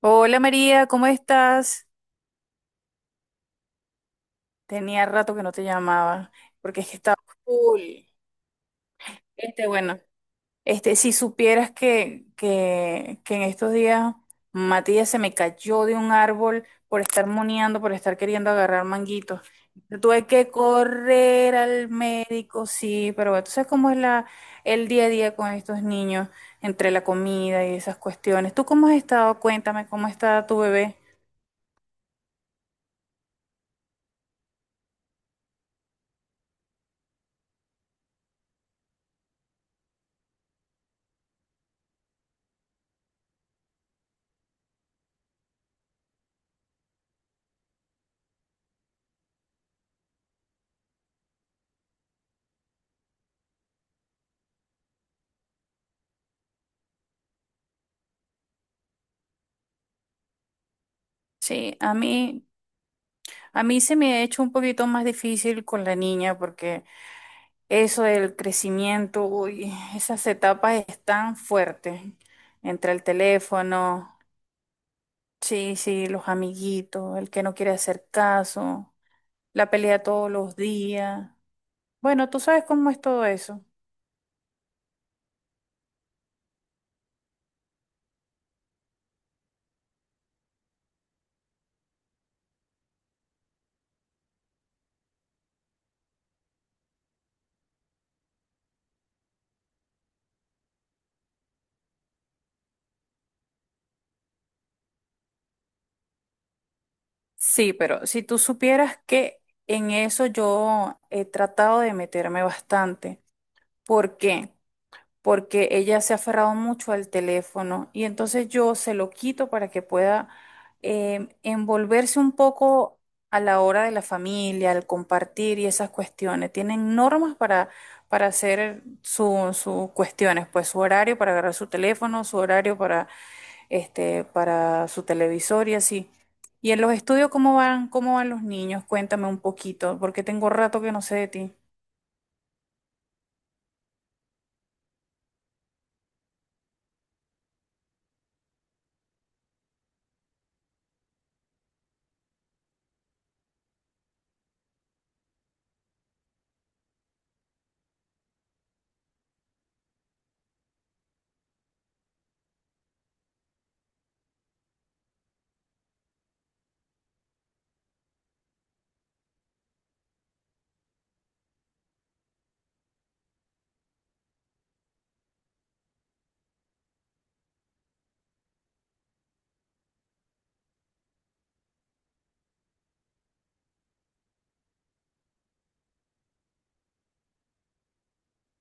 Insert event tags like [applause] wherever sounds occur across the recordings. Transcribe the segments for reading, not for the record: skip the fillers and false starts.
Hola María, ¿cómo estás? Tenía rato que no te llamaba, porque es que estaba full. Bueno, si supieras que en estos días Matías se me cayó de un árbol por estar moneando, por estar queriendo agarrar manguitos. Tuve que correr al médico, sí, pero bueno, tú sabes cómo es el día a día con estos niños, entre la comida y esas cuestiones. ¿Tú cómo has estado? Cuéntame, ¿cómo está tu bebé? Sí, a mí se me ha hecho un poquito más difícil con la niña porque eso del crecimiento, uy, esas etapas están fuertes. Entre el teléfono, sí, sí, los amiguitos, el que no quiere hacer caso, la pelea todos los días. Bueno, tú sabes cómo es todo eso. Sí, pero si tú supieras que en eso yo he tratado de meterme bastante. ¿Por qué? Porque ella se ha aferrado mucho al teléfono y entonces yo se lo quito para que pueda envolverse un poco a la hora de la familia, al compartir y esas cuestiones. Tienen normas para hacer sus cuestiones, pues su horario para agarrar su teléfono, su horario para su televisor y así. ¿Y en los estudios cómo van los niños? Cuéntame un poquito, porque tengo rato que no sé de ti.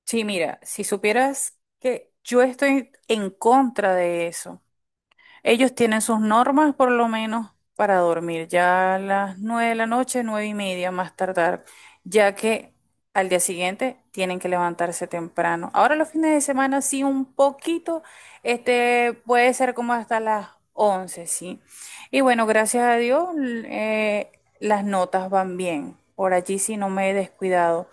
Sí, mira, si supieras que yo estoy en contra de eso. Ellos tienen sus normas, por lo menos, para dormir ya a las nueve de la noche, nueve y media más tardar, ya que al día siguiente tienen que levantarse temprano. Ahora los fines de semana sí un poquito, este puede ser como hasta las once, sí. Y bueno, gracias a Dios, eh, las notas van bien. Por allí sí no me he descuidado.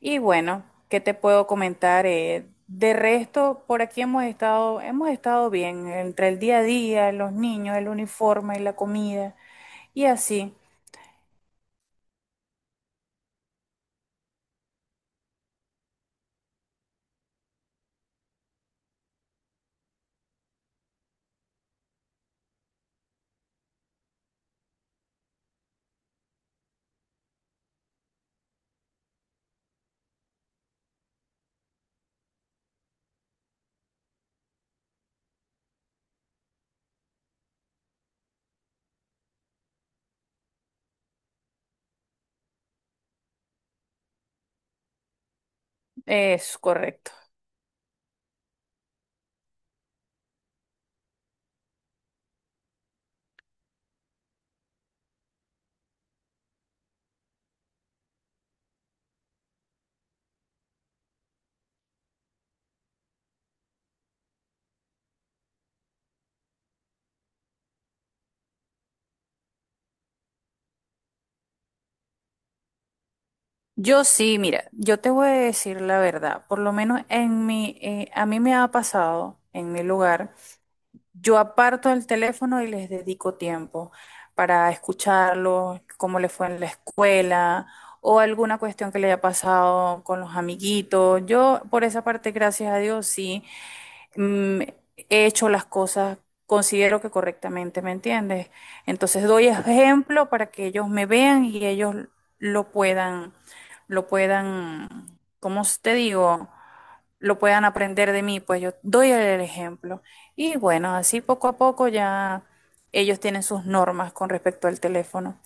Y bueno, ¿qué te puedo comentar? De resto, por aquí hemos estado bien, entre el día a día, los niños, el uniforme, la comida, y así es correcto. Yo sí, mira, yo te voy a decir la verdad, por lo menos en mi, a mí me ha pasado en mi lugar. Yo aparto el teléfono y les dedico tiempo para escucharlos, cómo les fue en la escuela o alguna cuestión que le haya pasado con los amiguitos. Yo, por esa parte, gracias a Dios, sí, mm, he hecho las cosas, considero que correctamente, ¿me entiendes? Entonces doy ejemplo para que ellos me vean y ellos lo puedan, lo puedan, ¿cómo te digo? Lo puedan aprender de mí, pues yo doy el ejemplo. Y bueno, así poco a poco ya ellos tienen sus normas con respecto al teléfono.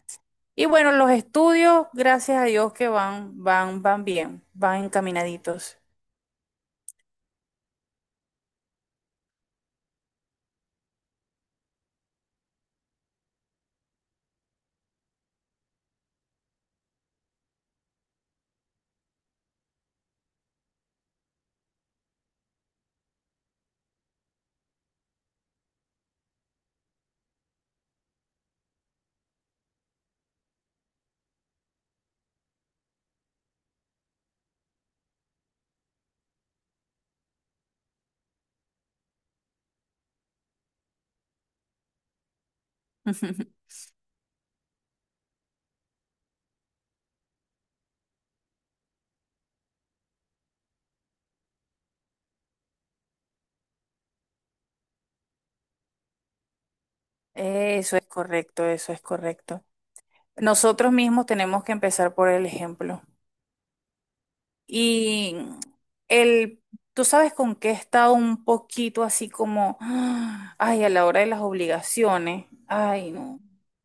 Y bueno, los estudios, gracias a Dios que van, van bien, van encaminaditos. [laughs] Eso es correcto, eso es correcto. Nosotros mismos tenemos que empezar por el ejemplo. Y el, tú sabes con qué he estado un poquito así como, [gasps] ah, ay, a la hora de las obligaciones, ay, no,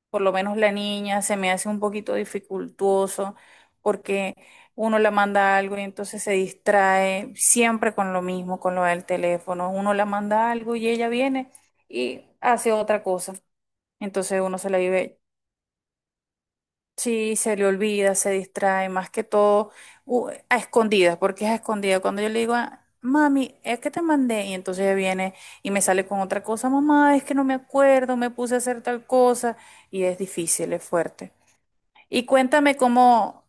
por lo menos la niña se me hace un poquito dificultuoso porque uno la manda algo y entonces se distrae siempre con lo mismo, con lo del teléfono, uno la manda algo y ella viene y hace otra cosa, entonces uno se la vive. Sí, se le olvida, se distrae, más que todo a escondidas, porque es a escondidas. Cuando yo le digo, "Ah, mami, es que te mandé", y entonces ella viene y me sale con otra cosa, mamá, es que no me acuerdo, me puse a hacer tal cosa, y es difícil, es fuerte. Y cuéntame cómo,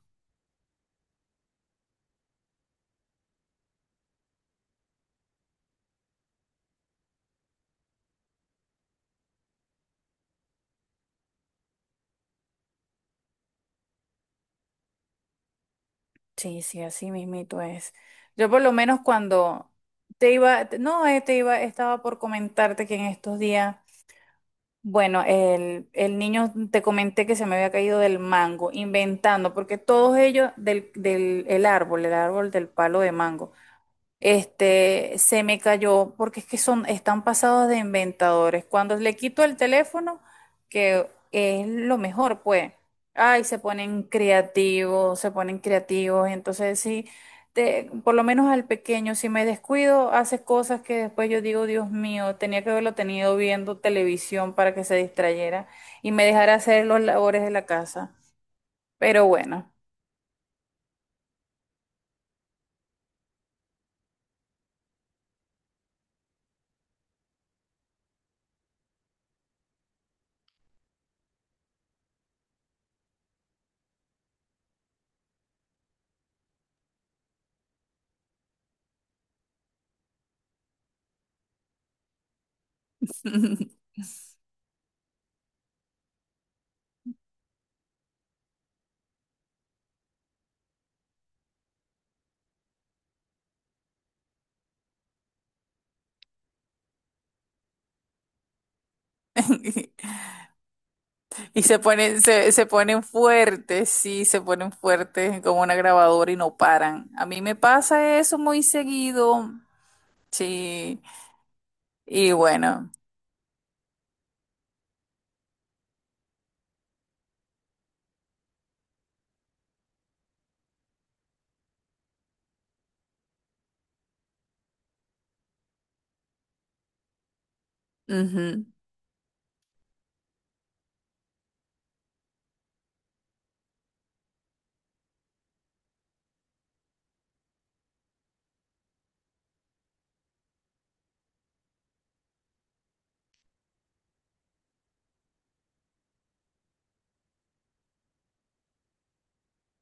sí, sí, así mismito es. Yo por lo menos cuando te iba, no, te iba, estaba por comentarte que en estos días... Bueno, el niño te comenté que se me había caído del mango, inventando, porque todos ellos el árbol del palo de mango. Se me cayó porque es que son, están pasados de inventadores. Cuando le quito el teléfono, que es lo mejor, pues. Ay, se ponen creativos, se ponen creativos. Entonces, sí, por lo menos al pequeño, si me descuido, hace cosas que después yo digo, Dios mío, tenía que haberlo tenido viendo televisión para que se distrayera y me dejara hacer los labores de la casa. Pero bueno. [laughs] Y se ponen, se ponen fuertes, sí, se ponen fuertes como una grabadora y no paran. A mí me pasa eso muy seguido, sí. Y bueno, ujú,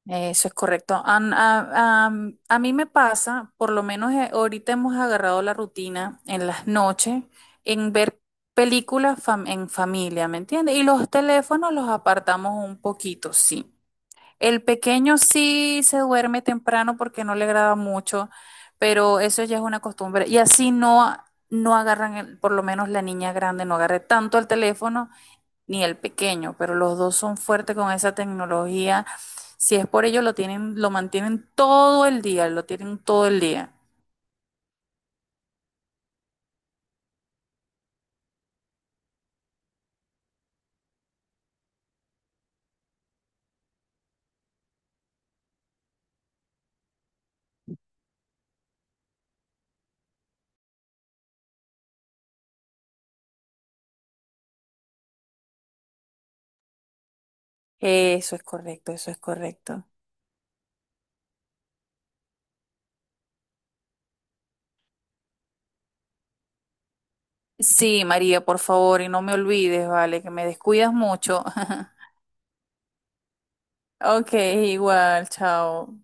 eso es correcto. A mí me pasa, por lo menos ahorita hemos agarrado la rutina en las noches, en ver en familia, ¿me entiendes? Y los teléfonos los apartamos un poquito, sí. El pequeño sí se duerme temprano porque no le agrada mucho, pero eso ya es una costumbre. Y así no, no agarran, por lo menos la niña grande no agarre tanto el teléfono ni el pequeño, pero los dos son fuertes con esa tecnología. Si es por ello, lo tienen, lo mantienen todo el día, lo tienen todo el día. Eso es correcto, eso es correcto. Sí, María, por favor, y no me olvides, vale, que me descuidas mucho. [laughs] Ok, igual, chao.